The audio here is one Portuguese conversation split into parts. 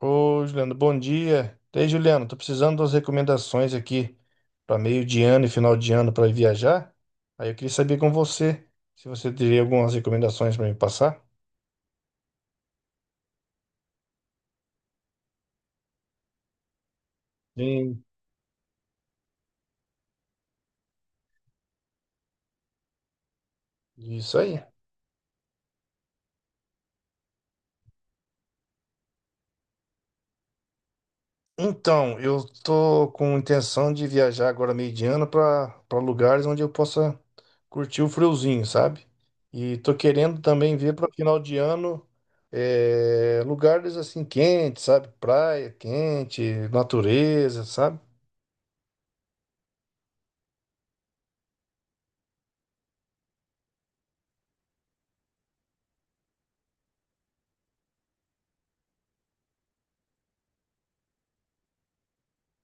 Ô, Juliano, bom dia. E aí, Juliano, tô precisando das recomendações aqui para meio de ano e final de ano para viajar. Aí eu queria saber com você se você teria algumas recomendações para me passar. Sim. Isso aí. Então, eu tô com intenção de viajar agora meio de ano para lugares onde eu possa curtir o friozinho, sabe? E tô querendo também ver para final de ano, lugares assim quentes, sabe? Praia quente, natureza, sabe?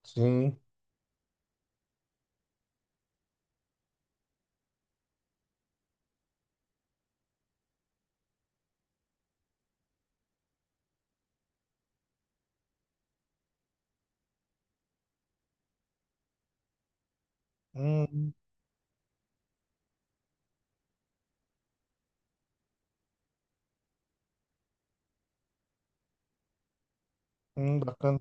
Sim. Hum, bacana.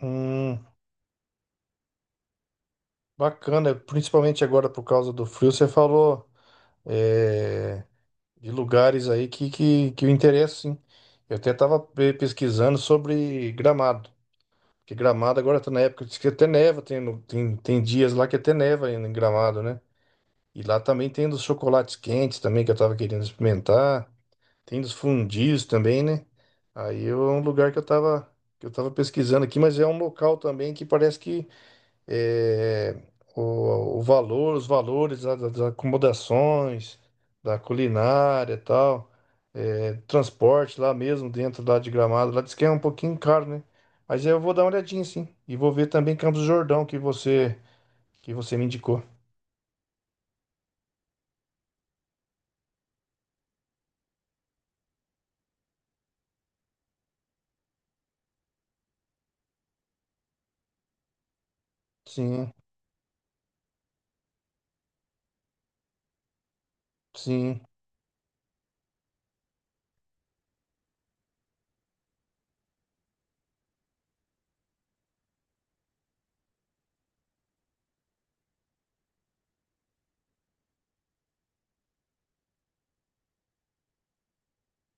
Hum, bacana, principalmente agora por causa do frio, você falou, é, de lugares aí que eu interesso, sim. Eu até estava pesquisando sobre Gramado, porque Gramado agora está na época de que até neva, tem, tem dias lá que até neva ainda em Gramado, né? E lá também tem dos chocolates quentes também que eu estava querendo experimentar, tem dos fundios também, né? Aí é um lugar que eu estava, que eu estava pesquisando aqui, mas é um local também que parece que, é, o valor, os valores das acomodações, da culinária e tal, transporte lá mesmo, dentro lá de Gramado, lá diz que é um pouquinho caro, né? Mas eu vou dar uma olhadinha, sim. E vou ver também Campos do Jordão, que você me indicou. Sim, sim,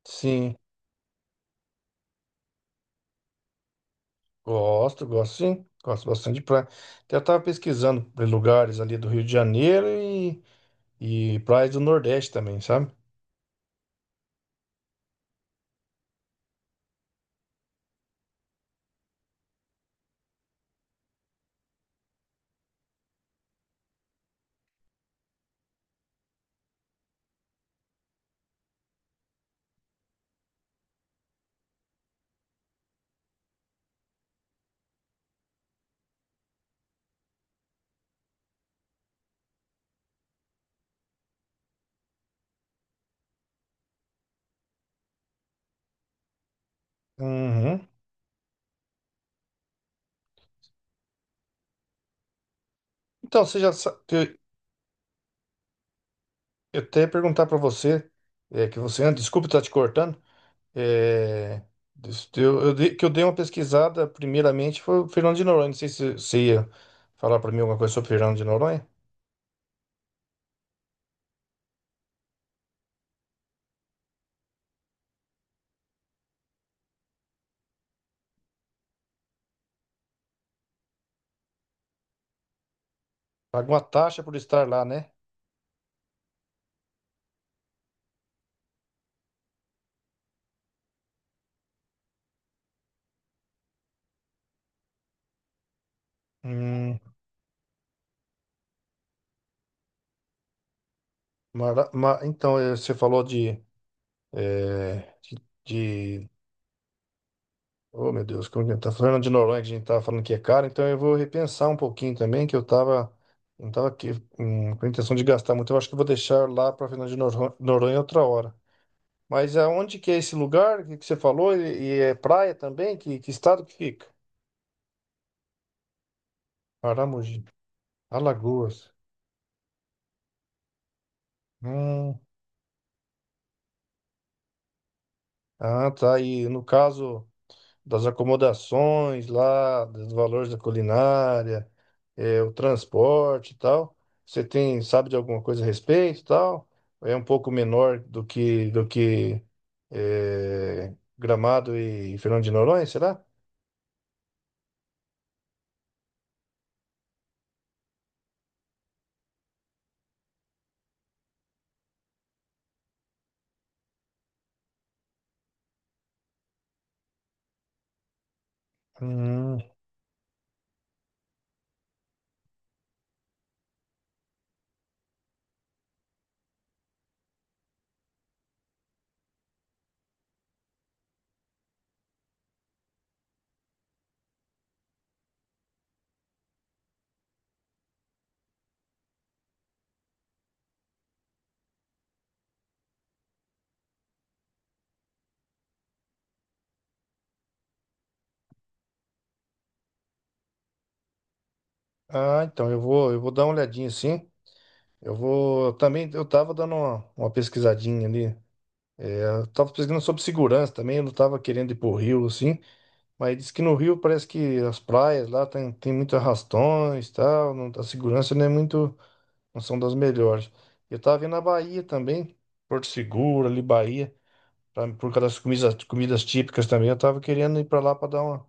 sim. Gosto, gosto sim. Gosto bastante de praia. Até eu tava pesquisando lugares ali do Rio de Janeiro e praias do Nordeste também, sabe? Uhum. Então, você já sabe. Eu até ia perguntar para você, que você anda, desculpa estar te cortando, é, que eu dei uma pesquisada primeiramente foi o Fernando de Noronha, não sei se você ia falar para mim alguma coisa sobre o Fernando de Noronha. Paga uma taxa por estar lá, né? Hum, então, você falou de, é, de, de- oh, meu Deus, como que tá Fernando de Noronha, que a gente estava falando que é caro, então eu vou repensar um pouquinho também, que eu tava... Não estava aqui, com a intenção de gastar muito. Eu acho que eu vou deixar lá para Fernando de Noronha Noronha outra hora. Mas aonde que é esse lugar que você falou? E é praia também? Que estado que fica? Paramogi. Alagoas. Hum. Ah, tá. E no caso das acomodações lá, dos valores da culinária, o transporte e tal, você tem, sabe de alguma coisa a respeito e tal? É um pouco menor do que, é, Gramado e Fernando de Noronha, será? Hum. Ah, então eu vou dar uma olhadinha sim. Eu vou. Também eu tava dando uma pesquisadinha ali. Eu tava pesquisando sobre segurança também. Eu não tava querendo ir pro Rio, assim. Mas diz que no Rio parece que as praias lá tem muito arrastões e tal. Não, a segurança não é muito. Não são das melhores. Eu tava vendo a Bahia também. Porto Seguro, ali, Bahia. Por causa das comidas, comidas típicas também. Eu tava querendo ir pra lá pra dar uma.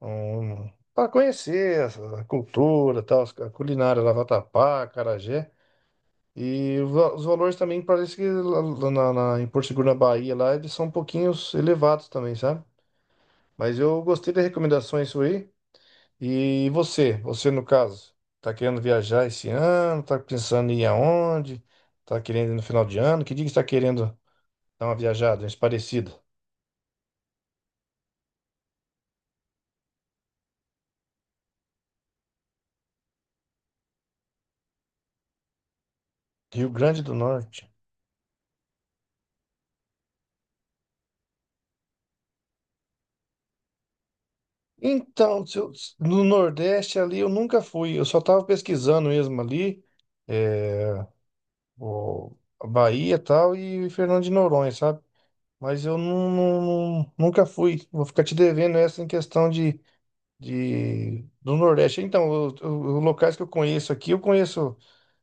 Um, Pra conhecer a cultura, tal, a culinária, lá, Vatapá, acarajé. E os valores também parece que em Porto Seguro, na Bahia, lá eles são um pouquinho elevados também, sabe? Mas eu gostei das recomendações aí. E você, você no caso, tá querendo viajar esse ano? Tá pensando em ir aonde? Tá querendo ir no final de ano? Que dia que você tá querendo dar uma viajada, uns parecido? Rio Grande do Norte. Então, se eu- no Nordeste ali eu nunca fui, eu só tava pesquisando mesmo ali, eh, o a Bahia e tal, e Fernando de Noronha, sabe? Mas eu não, não- não- nunca fui. Vou ficar te devendo essa em questão de do Nordeste. Então, os locais que eu conheço aqui, eu conheço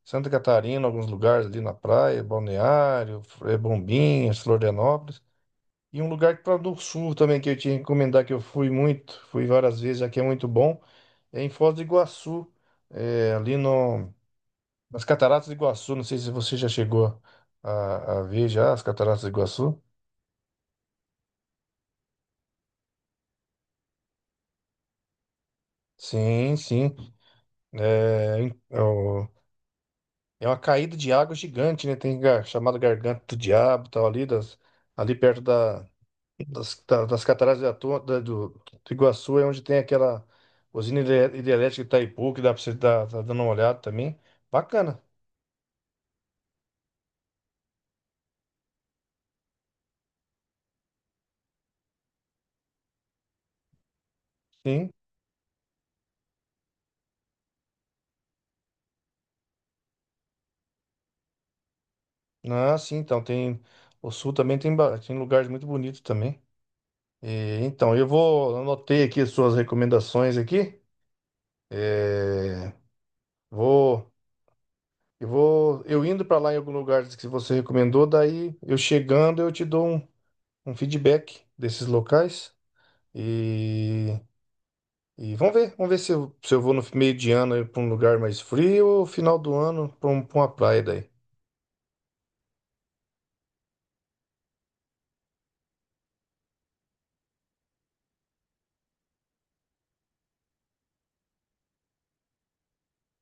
Santa Catarina, alguns lugares ali na praia, Balneário, Bombinhas, Florianópolis. E um lugar para do Sul também que eu tinha que recomendar que eu fui muito, fui várias vezes, aqui é muito bom, é em Foz do Iguaçu, ali no, nas Cataratas do Iguaçu. Não sei se você já chegou a ver já as Cataratas do Iguaçu. Sim, sim. É, é o- É uma caída de água gigante, né? Tem gar, chamado Garganta do Diabo, tal, ali, das, ali perto da, das cataratas de do, do Iguaçu, é onde tem aquela usina hidrelétrica de Itaipu, que dá pra você dar, tá dando uma olhada também. Bacana, sim. Ah, sim, então tem. O sul também tem, tem lugares muito bonitos também. E, então, eu vou. Anotei aqui as suas recomendações aqui. É, vou. Eu vou, eu indo para lá em algum lugar que você recomendou, daí eu chegando eu te dou um, um feedback desses locais e, e vamos ver se eu, se eu vou no meio de ano para um lugar mais frio ou final do ano para um, pra uma praia daí.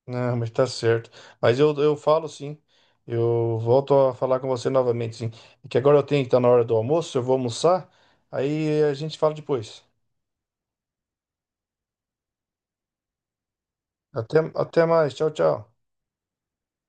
Não, mas tá certo. Mas eu falo sim, eu volto a falar com você novamente sim. É que agora eu tenho que estar na hora do almoço, eu vou almoçar, aí a gente fala depois. Até, até mais, tchau, tchau.